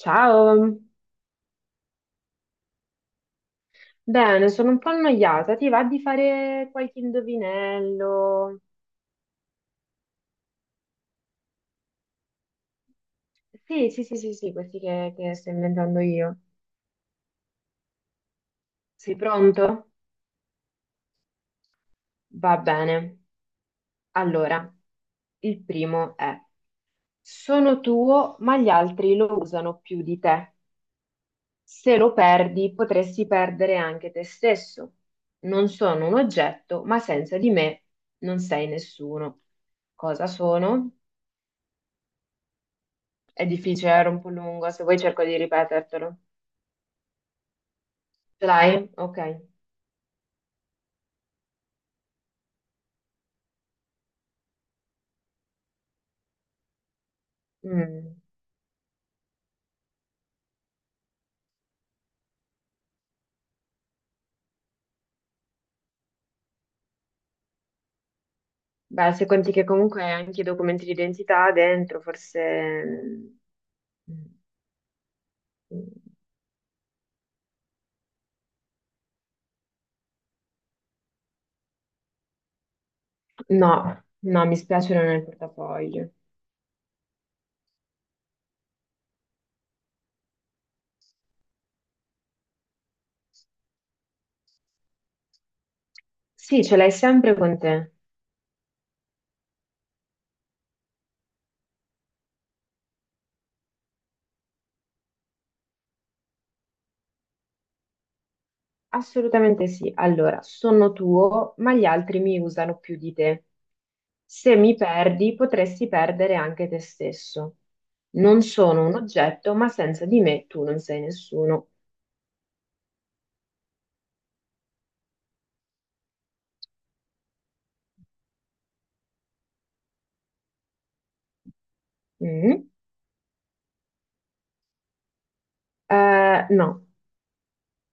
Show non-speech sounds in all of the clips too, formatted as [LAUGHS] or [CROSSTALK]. Ciao, bene, sono un po' annoiata. Ti va di fare qualche indovinello? Sì, sì, sì, sì, sì, questi che sto inventando io. Sei pronto? Va bene. Allora, il primo è: sono tuo, ma gli altri lo usano più di te. Se lo perdi, potresti perdere anche te stesso. Non sono un oggetto, ma senza di me non sei nessuno. Cosa sono? È difficile, era un po' lungo, se vuoi cerco di ripetertelo. Ce l'hai? Ok. Mm. Beh, se conti che comunque hai anche i documenti di identità dentro, forse... Mm. No, no, mi spiace, non è nel portafoglio. Sì, ce l'hai sempre con te. Assolutamente sì. Allora, sono tuo, ma gli altri mi usano più di te. Se mi perdi, potresti perdere anche te stesso. Non sono un oggetto, ma senza di me tu non sei nessuno. Mm. No,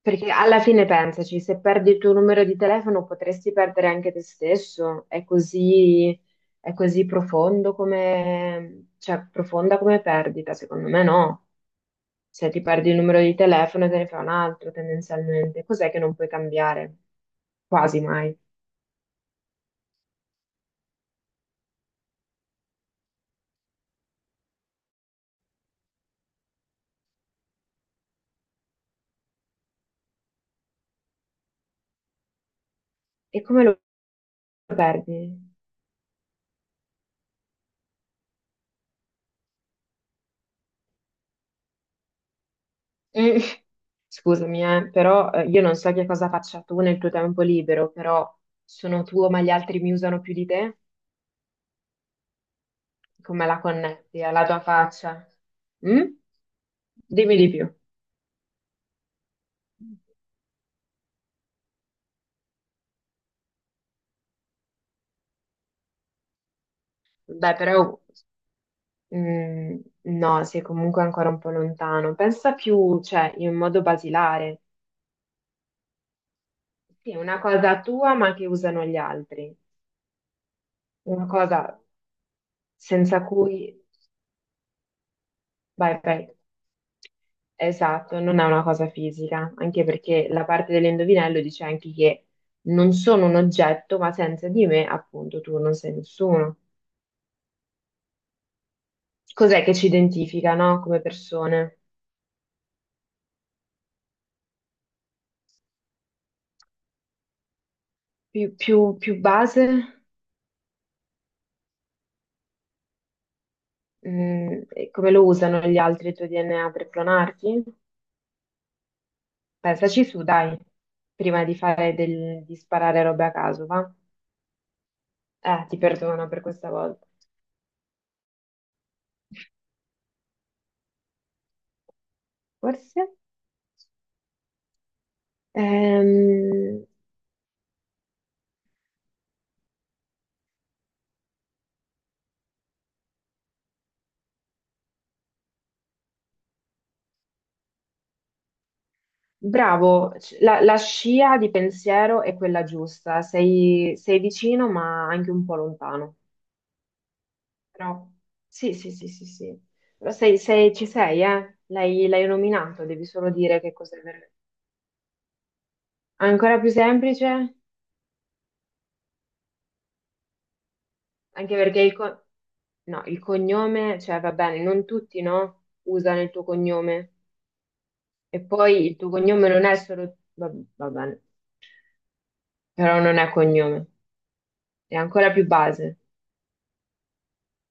perché alla fine pensaci, se perdi il tuo numero di telefono potresti perdere anche te stesso, è così profondo come, cioè, profonda come perdita, secondo me no. Se ti perdi il numero di telefono te ne fai un altro tendenzialmente, cos'è che non puoi cambiare? Quasi mai. E come lo perdi? Mm. [LAUGHS] Scusami, però io non so che cosa faccia tu nel tuo tempo libero, però sono tuo ma gli altri mi usano più di te? Come la connetti alla tua faccia? Mm? Dimmi di più. Beh, però mm, no, sei comunque ancora un po' lontano. Pensa più, cioè, in modo basilare. Sì, è una cosa tua, ma che usano gli altri. Una cosa senza cui... Vai, vai. Esatto, non è una cosa fisica, anche perché la parte dell'indovinello dice anche che non sono un oggetto, ma senza di me, appunto, tu non sei nessuno. Cos'è che ci identifica, no? Come persone? Più, più base? Mm, e come lo usano gli altri il tuo DNA per clonarti? Pensaci su, dai, prima di fare di sparare robe a caso, va? Ti perdono per questa volta. Forse? Ehm, bravo, la, la scia di pensiero è quella giusta, sei vicino ma anche un po' lontano. Però sì, sì, sì, sì, sì. Lo sei, ci sei, eh? L'hai nominato, devi solo dire che cos'è veramente. Ancora più semplice, anche perché il, no, il cognome, cioè va bene, non tutti, no? Usano il tuo cognome. E poi il tuo cognome non è solo, va, va bene, però non è cognome, è ancora più base.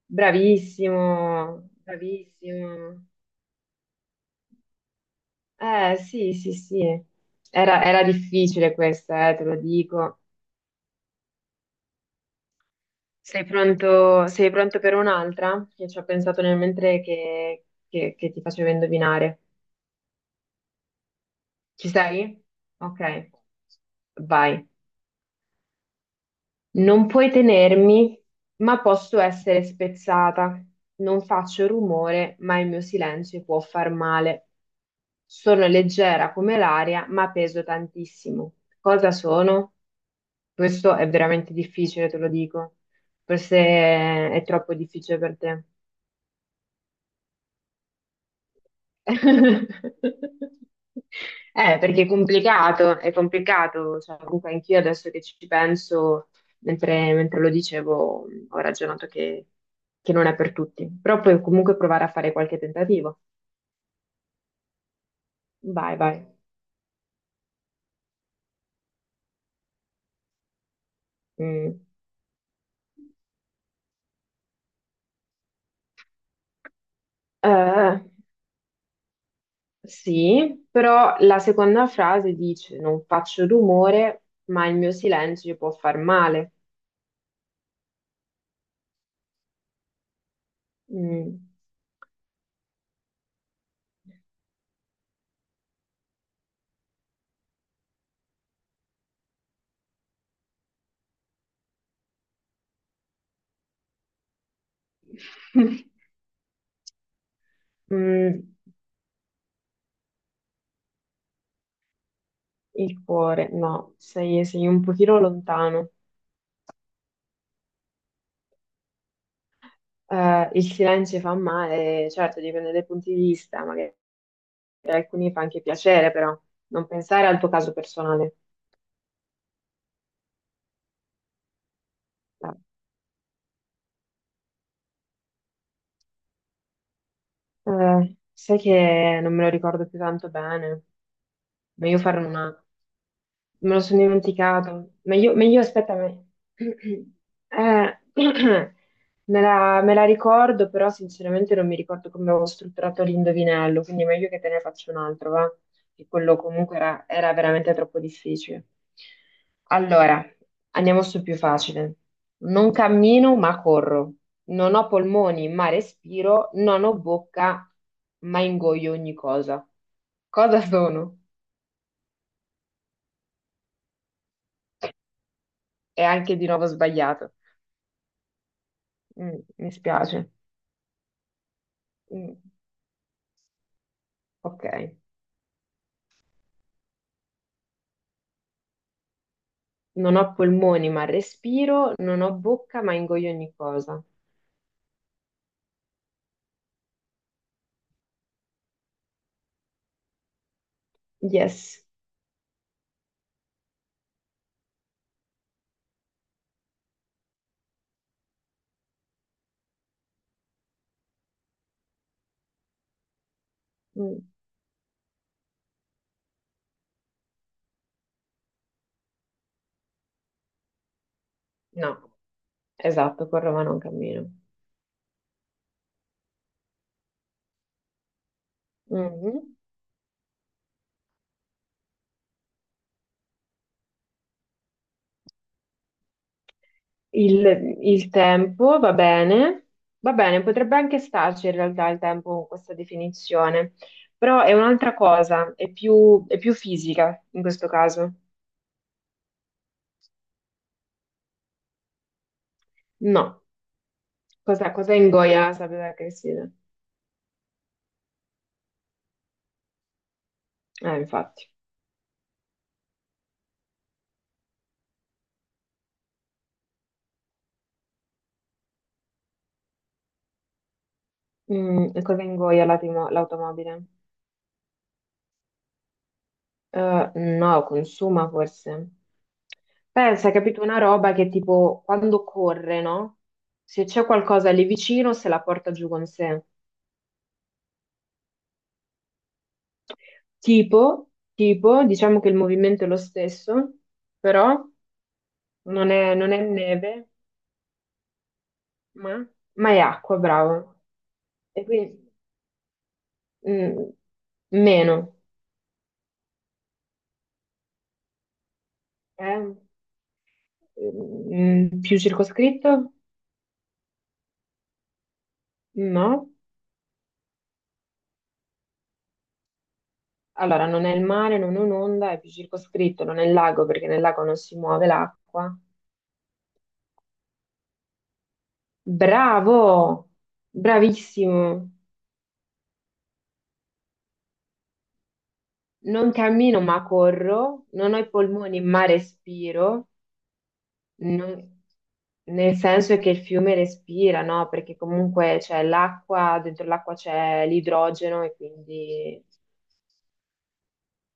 Bravissimo, bravissimo. Sì, sì, sì. Era, era difficile questa, te lo dico. Sei pronto per un'altra? Che ci ho pensato nel mentre che, che ti facevo indovinare. Ci sei? Ok, vai. Non puoi tenermi, ma posso essere spezzata. Non faccio rumore, ma il mio silenzio può far male. Sono leggera come l'aria, ma peso tantissimo. Cosa sono? Questo è veramente difficile, te lo dico. Forse è troppo difficile per te. Eh, perché è complicato, cioè, comunque anch'io adesso che ci penso, mentre lo dicevo, ho ragionato che non è per tutti, però puoi comunque provare a fare qualche tentativo. Vai, vai. Mm. Eh, sì, però la seconda frase dice: Non faccio rumore, ma il mio silenzio può far male. Mm. [LAUGHS] Mm. Il cuore, no, sei, sei un pochino lontano. Il silenzio fa male, certo, dipende dai punti di vista, magari per alcuni fa anche piacere, però non pensare al tuo caso personale. Sai che non me lo ricordo più tanto bene, meglio fare una... Me lo sono dimenticato. Meglio, meglio aspettami. [CLEARS THROAT] [CLEARS THROAT] Me la ricordo, però sinceramente non mi ricordo come avevo strutturato l'indovinello, quindi è meglio che te ne faccio un altro, va? Che quello comunque era, era veramente troppo difficile. Allora, andiamo sul più facile. Non cammino, ma corro. Non ho polmoni, ma respiro. Non ho bocca, ma ingoio ogni cosa. Cosa sono? È anche di nuovo sbagliato. Mm, mi spiace. Mm, ok. Non ho polmoni ma respiro, non ho bocca ma ingoio ogni cosa. Yes. Mm, no, esatto, con Roma non cammino. Mhm. Il, il tempo va bene. Va bene, potrebbe anche starci in realtà il tempo con questa definizione, però è un'altra cosa, è più fisica in questo caso. No. Cosa, cosa ingoia? Sapete che si... infatti. Mm, e cosa ingoia l'automobile? No, consuma forse. Pensa, capito, una roba che tipo quando corre, no? Se c'è qualcosa lì vicino, se la porta giù con sé. Tipo, tipo, diciamo che il movimento è lo stesso, però non è, non è neve, ma, ma è acqua, bravo. E quindi mm, meno, eh? Mm, più circoscritto? No. Allora, non è il mare, non è un'onda, è più circoscritto, non è il lago perché nel lago non si muove l'acqua. Bravo! Bravissimo! Non cammino ma corro, non ho i polmoni ma respiro, non- nel senso è che il fiume respira, no? Perché comunque c'è l'acqua, dentro l'acqua c'è l'idrogeno e quindi...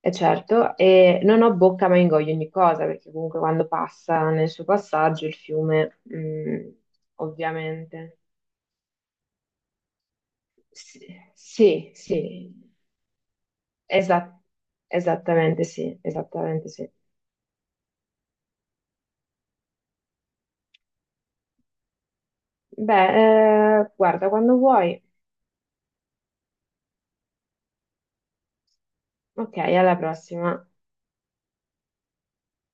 E certo, e non ho bocca ma ingoio ogni cosa, perché comunque quando passa nel suo passaggio il fiume, mm, ovviamente. Sì, sì, sì, Esa- esattamente sì, esattamente sì. Beh, guarda, quando vuoi. Ok, alla prossima.